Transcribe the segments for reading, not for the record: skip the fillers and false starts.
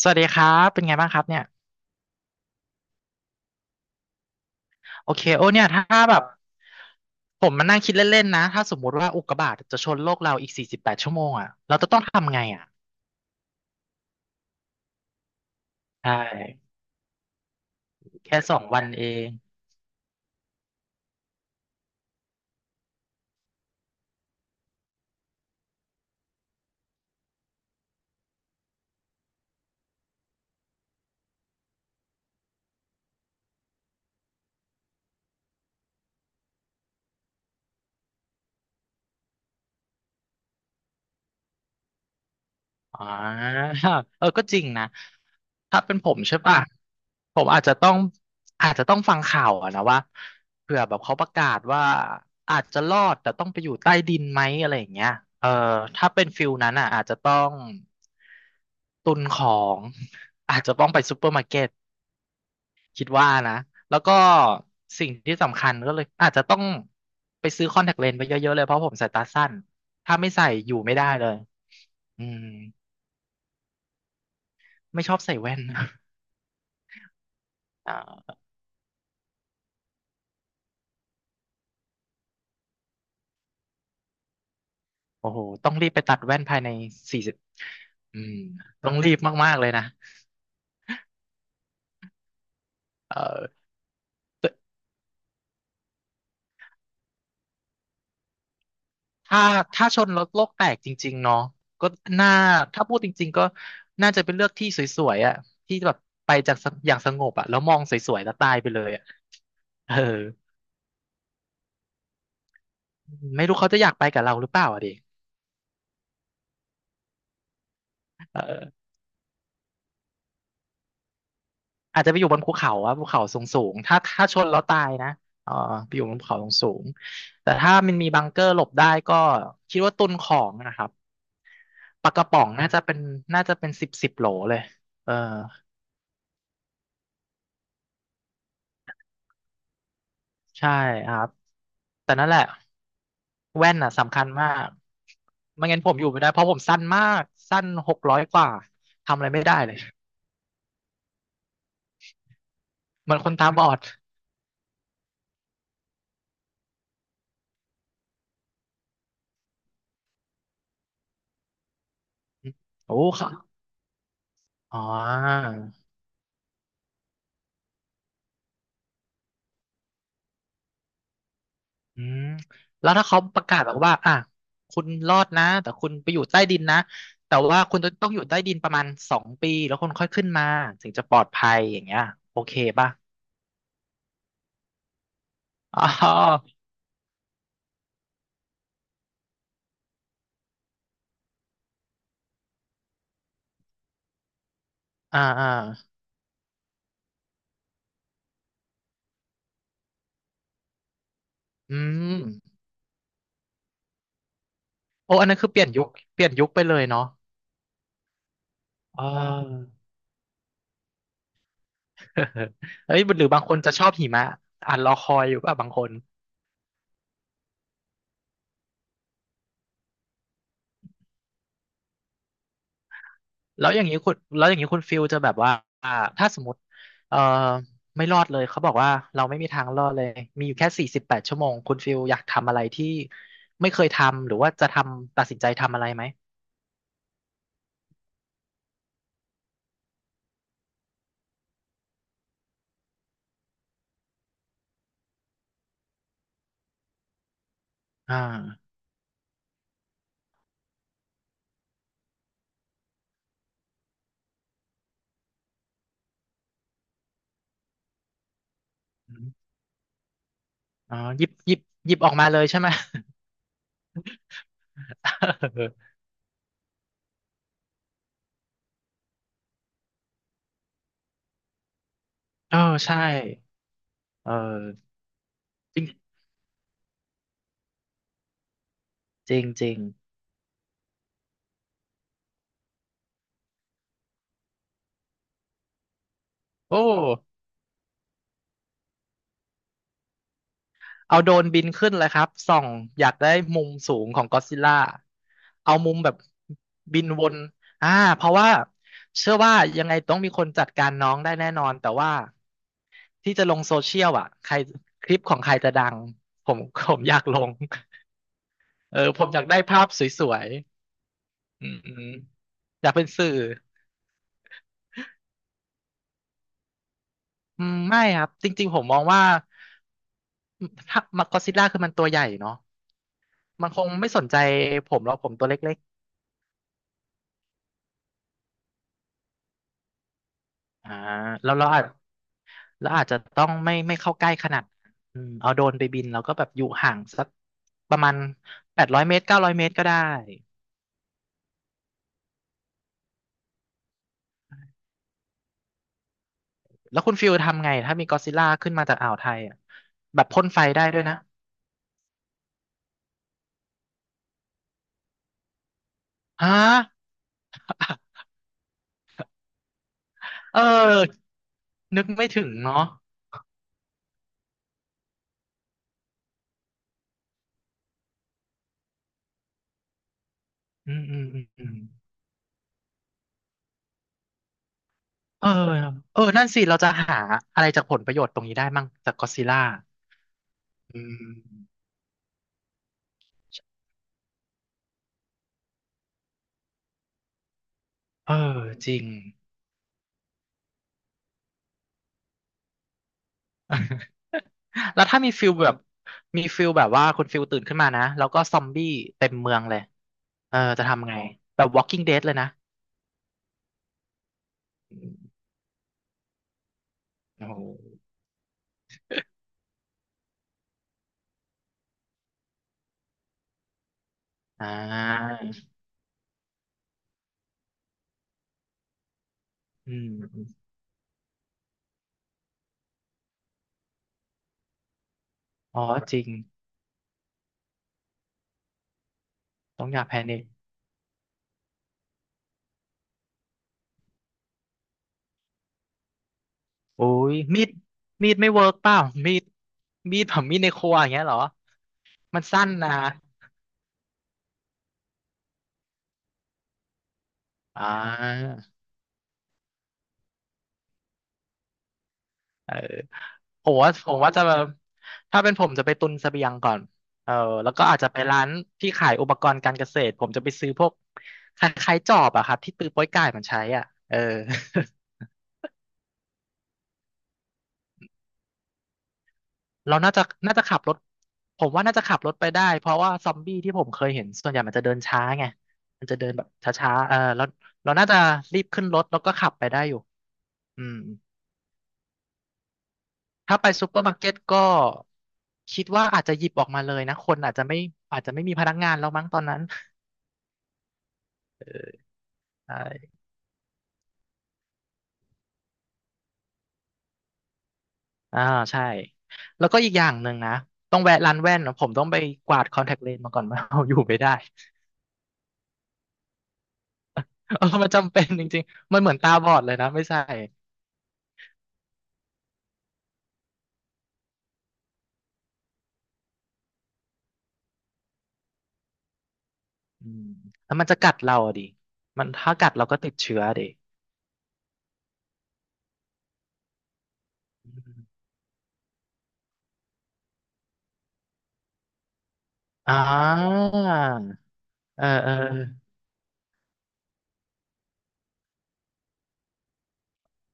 สวัสดีครับเป็นไงบ้างครับเนี่ยโอเคโอ้เนี่ยถ้าแบบผมมานั่งคิดเล่นๆนะถ้าสมมุติว่าอุกกาบาตจะชนโลกเราอีกสี่สิบแปดชั่วโมงอ่ะเราจะต้องทำไงอ่ะใช่แค่2 วันเอง อ่า เออก็จริงนะถ้าเป็นผมใช่ป่ะะผมอาจจะต้องฟังข่าวอะนะว่าเผื่อแบบเขาประกาศว่าอาจจะรอดแต่ต้องไปอยู่ใต้ดินไหมอะไรอย่างเงี้ยเออถ้าเป็นฟิลนั้นอ่ะอาจจะต้องตุนของ อาจจะต้องไปซูเปอร์มาร์เก็ตคิดว่านะแล้วก็สิ่งที่สำคัญก็เลยอาจจะต้องไปซื้อคอนแทคเลนส์ไปเยอะๆเลยเพราะผมสายตาสั้นถ้าไม่ใส่อยู่ไม่ได้เลยอืม ไม่ชอบใส่แว่น อ่าโอ้โหต้องรีบไปตัดแว่นภายในสี่สิบอืมต้องรีบมากๆ เลยนะเออแต่ถ้าชนรถโลกแตกจริงๆ เนาะก็น่าถ้าพูดจริงๆ ก็น่าจะเป็นเลือกที่สวยๆอ่ะที่แบบไปจากสอย่างสงบอ่ะแล้วมองสวยๆแล้วตายไปเลยอ่ะเออไม่รู้เขาจะอยากไปกับเราหรือเปล่าอ่ะดิเออ อาจจะไปอยู่บนภูเขาอะภูเขาสูงสูงถ้าชนแล้วตายนะเออไปอยู่บนภูเขาสูงสูงแต่ถ้ามันมีบังเกอร์หลบได้ก็คิดว่าตุนของนะครับปลากระป๋องน่าจะเป็นน่าจะเป็น10 โหลเลยเออใช่ครับแต่นั่นแหละแว่นอ่ะสำคัญมากไม่งั้นผมอยู่ไม่ได้เพราะผมสั้นมากสั้น600 กว่าทำอะไรไม่ได้เลยเหมือนคนตาบอดโอ้ค่ะอ๋อ อืมแล้วถ้าเขาประกาศบอกว่าอ่ะคุณรอดนะแต่คุณไปอยู่ใต้ดินนะแต่ว่าคุณจะต้องอยู่ใต้ดินประมาณ2 ปีแล้วคุณค่อยขึ้นมาถึงจะปลอดภัยอย่างเงี้ยโอเคป่ะอ๋ออ่าอ่าอืมโอ้อันนั้นคือเปลี่ยนยุคเปลี่ยนยุคไปเลยเนาะอ๋อ เฮ้ยหรือบางคนจะชอบหิมะอ่านรอคอยอยู่ป่ะบางคน แล้วอย่างนี้คุณแล้วอย่างนี้คุณฟิลจะแบบว่าอ่าถ้าสมมติเอ่อไม่รอดเลยเขาบอกว่าเราไม่มีทางรอดเลยมีอยู่แค่สี่สิบแปดชั่วโมงคุณฟิลอยากทำอะไรที่ไม่เคยทำหรือว่าจะทำตัดสินใจทำอะไรไหมอ่าอมอ๋อหยิบหยิบออกมาเลยใช่ไหม เออใช่เออจริงจริงจริงโอ้ เอาโดรนบินขึ้นเลยครับส่องอยากได้มุมสูงของก็อดซิลล่าเอามุมแบบบินวนอ่าเพราะว่าเชื่อว่ายังไงต้องมีคนจัดการน้องได้แน่นอนแต่ว่าที่จะลงโซเชียลอ่ะใครคลิปของใครจะดังผมผมอยากลงเออผมอยากได้ภาพสวยๆอืมอืมอยากเป็นสื่ออืมไม่ครับจริงๆผมมองว่าถ้ามักก็อดซิลล่าคือมันตัวใหญ่เนาะมันคงไม่สนใจผมหรอกผมตัวเล็กๆอ่าแล้วเราอาจ แล้วอาจจะต้องไม่เข้าใกล้ขนาดนั้นอืมเอาโดรนไปบินแล้วก็แบบอยู่ห่างสักประมาณ800 เมตร900 เมตรก็ได้แล้วคุณฟิลทำไงถ้ามีกอดซิลล่าขึ้นมาจากอ่าวไทยอ่ะแบบพ่นไฟได้ด้วยนะฮะ เออนึกไม่ถึงเนาะอืมอืมอืมอืมเออเออนั่นสิเราจะหาอะไรจากผลประโยชน์ตรงนี้ได้มั่งจากกอดซิลล่าอืมเออจริง แล้วถ้ามีฟิลแบบว่าคุณฟิลตื่นขึ้นมานะแล้วก็ซอมบี้เต็มเมืองเลยเออจะทำไงแบบ Walking Dead เลยนะอืมโอ้โหอ่าอืมอ๋อจริงต้องอย่าแพนิคโอ้ยมีดไม่เวิร์กเปล่ามีดผมมีดในครัวอย่างเงี้ยเหรอมันสั้นนะอ่า เออผมว่าจะถ้าเป็นผมจะไปตุนเสบียงก่อนเออแล้วก็อาจจะไปร้านที่ขายอุปกรณ์การเกษตรผมจะไปซื้อพวกคล้ายๆจอบอะครับที่ตือโป้อยก่ายมันใช้อ่ะเออ เราน่าจะน่าจะขับรถผมว่าน่าจะขับรถไปได้เพราะว่าซอมบี้ที่ผมเคยเห็นส่วนใหญ่มันจะเดินช้าไงมันจะเดินแบบช้าๆเออแล้วเราน่าจะรีบขึ้นรถแล้วก็ขับไปได้อยู่อืมถ้าไปซูเปอร์มาร์เก็ตก็คิดว่าอาจจะหยิบออกมาเลยนะคนอาจจะไม่มีพนักงานแล้วมั้งตอนนั้น ใช่อ่าใช่ แล้วก็อีกอย่างหนึ่งนะ ต้องแวะร้านแว่นนะผมต้องไปกวาดคอนแทคเลนส์มาก่อนว่า เอาอยู่ไม่ได้เออมันจำเป็นจริงๆมันเหมือนตาบอดเลยนะไม่ใช่อืมแล้วมันจะกัดเราอะดิ มันถ้ากัดเราก็ติดเชื้อดิอืมอ่าเออ เออเ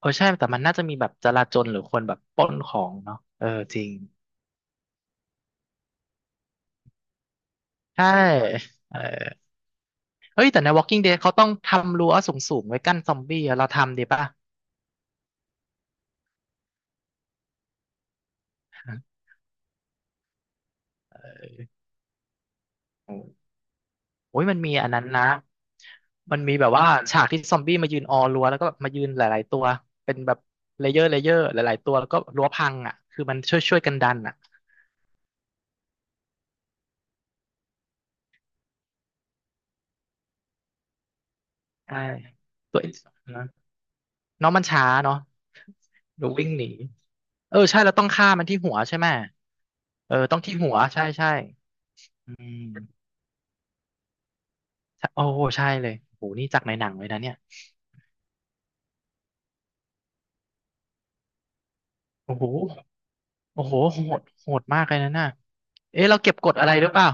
ออใช่ แต่มันน่าจะมีแบบจลาจลหรือคนแบบปล้นของเนาะเออ จริง ใช่ เออเฮ้ยแต่ใน Walking Dead เขาต้องทำรั้วสูงๆไว้กั้นซอมบี้อะเราทำดีป่ะ โอ้ยมันมีอันนั้นนะ มันมีแบบว่าฉากที่ซอมบี้มายืนออรั้วแล้วก็แบบมายืนหลายๆตัว เป็นแบบเลเยอร์หลายๆตัวแล้วก็รั้วพังอ่ะคือมันช่วยกันดันอ่ะใช่ตัวเองนะน้องมันช้าเนาะดูวิ่งหนี เออใช่แล้วต้องฆ่ามันที่หัวใช่ไหมเออต้องที่หัวใช่ใช่อืมใช่โอ้โหใช่เลยโอ้โหนี่จากในหนังเลยนะเนี่ยโอ้โหโอ้โหโหดมากเลยนะน่ะเอ๊ะเราเก็บกดอะไรหรือเปล่า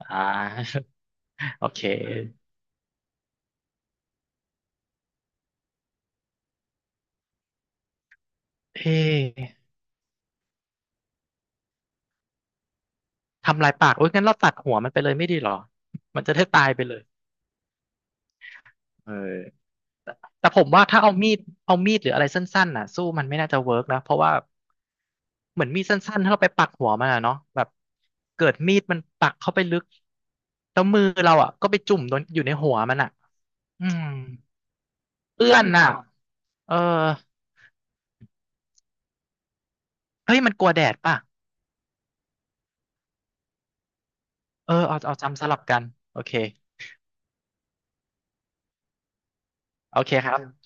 อ่า โอเคเอ๊ะ ทำลายปากโอ๊ยงั้นเราตัดหัวมันไปเลยไม่ดีหรอมันจะได้ตายไปเลยเออแต่ผมว่าถ้าเอามีดหรืออะไรสั้นๆน่ะสู้มันไม่น่าจะเวิร์กนะเพราะว่าเหมือนมีดสั้นๆถ้าเราไปปักหัวมันอะเนาะแบบเกิดมีดมันปักเข้าไปลึกแล้วมือเราอ่ะก็ไปจุ่มโดนอยู่ในหัวมันอ่ะอืมเอื้อนน่ะเออเฮ้ยมันกลัวแดดป่ะเออเอาจำสลับกันโอเคโอเคครับ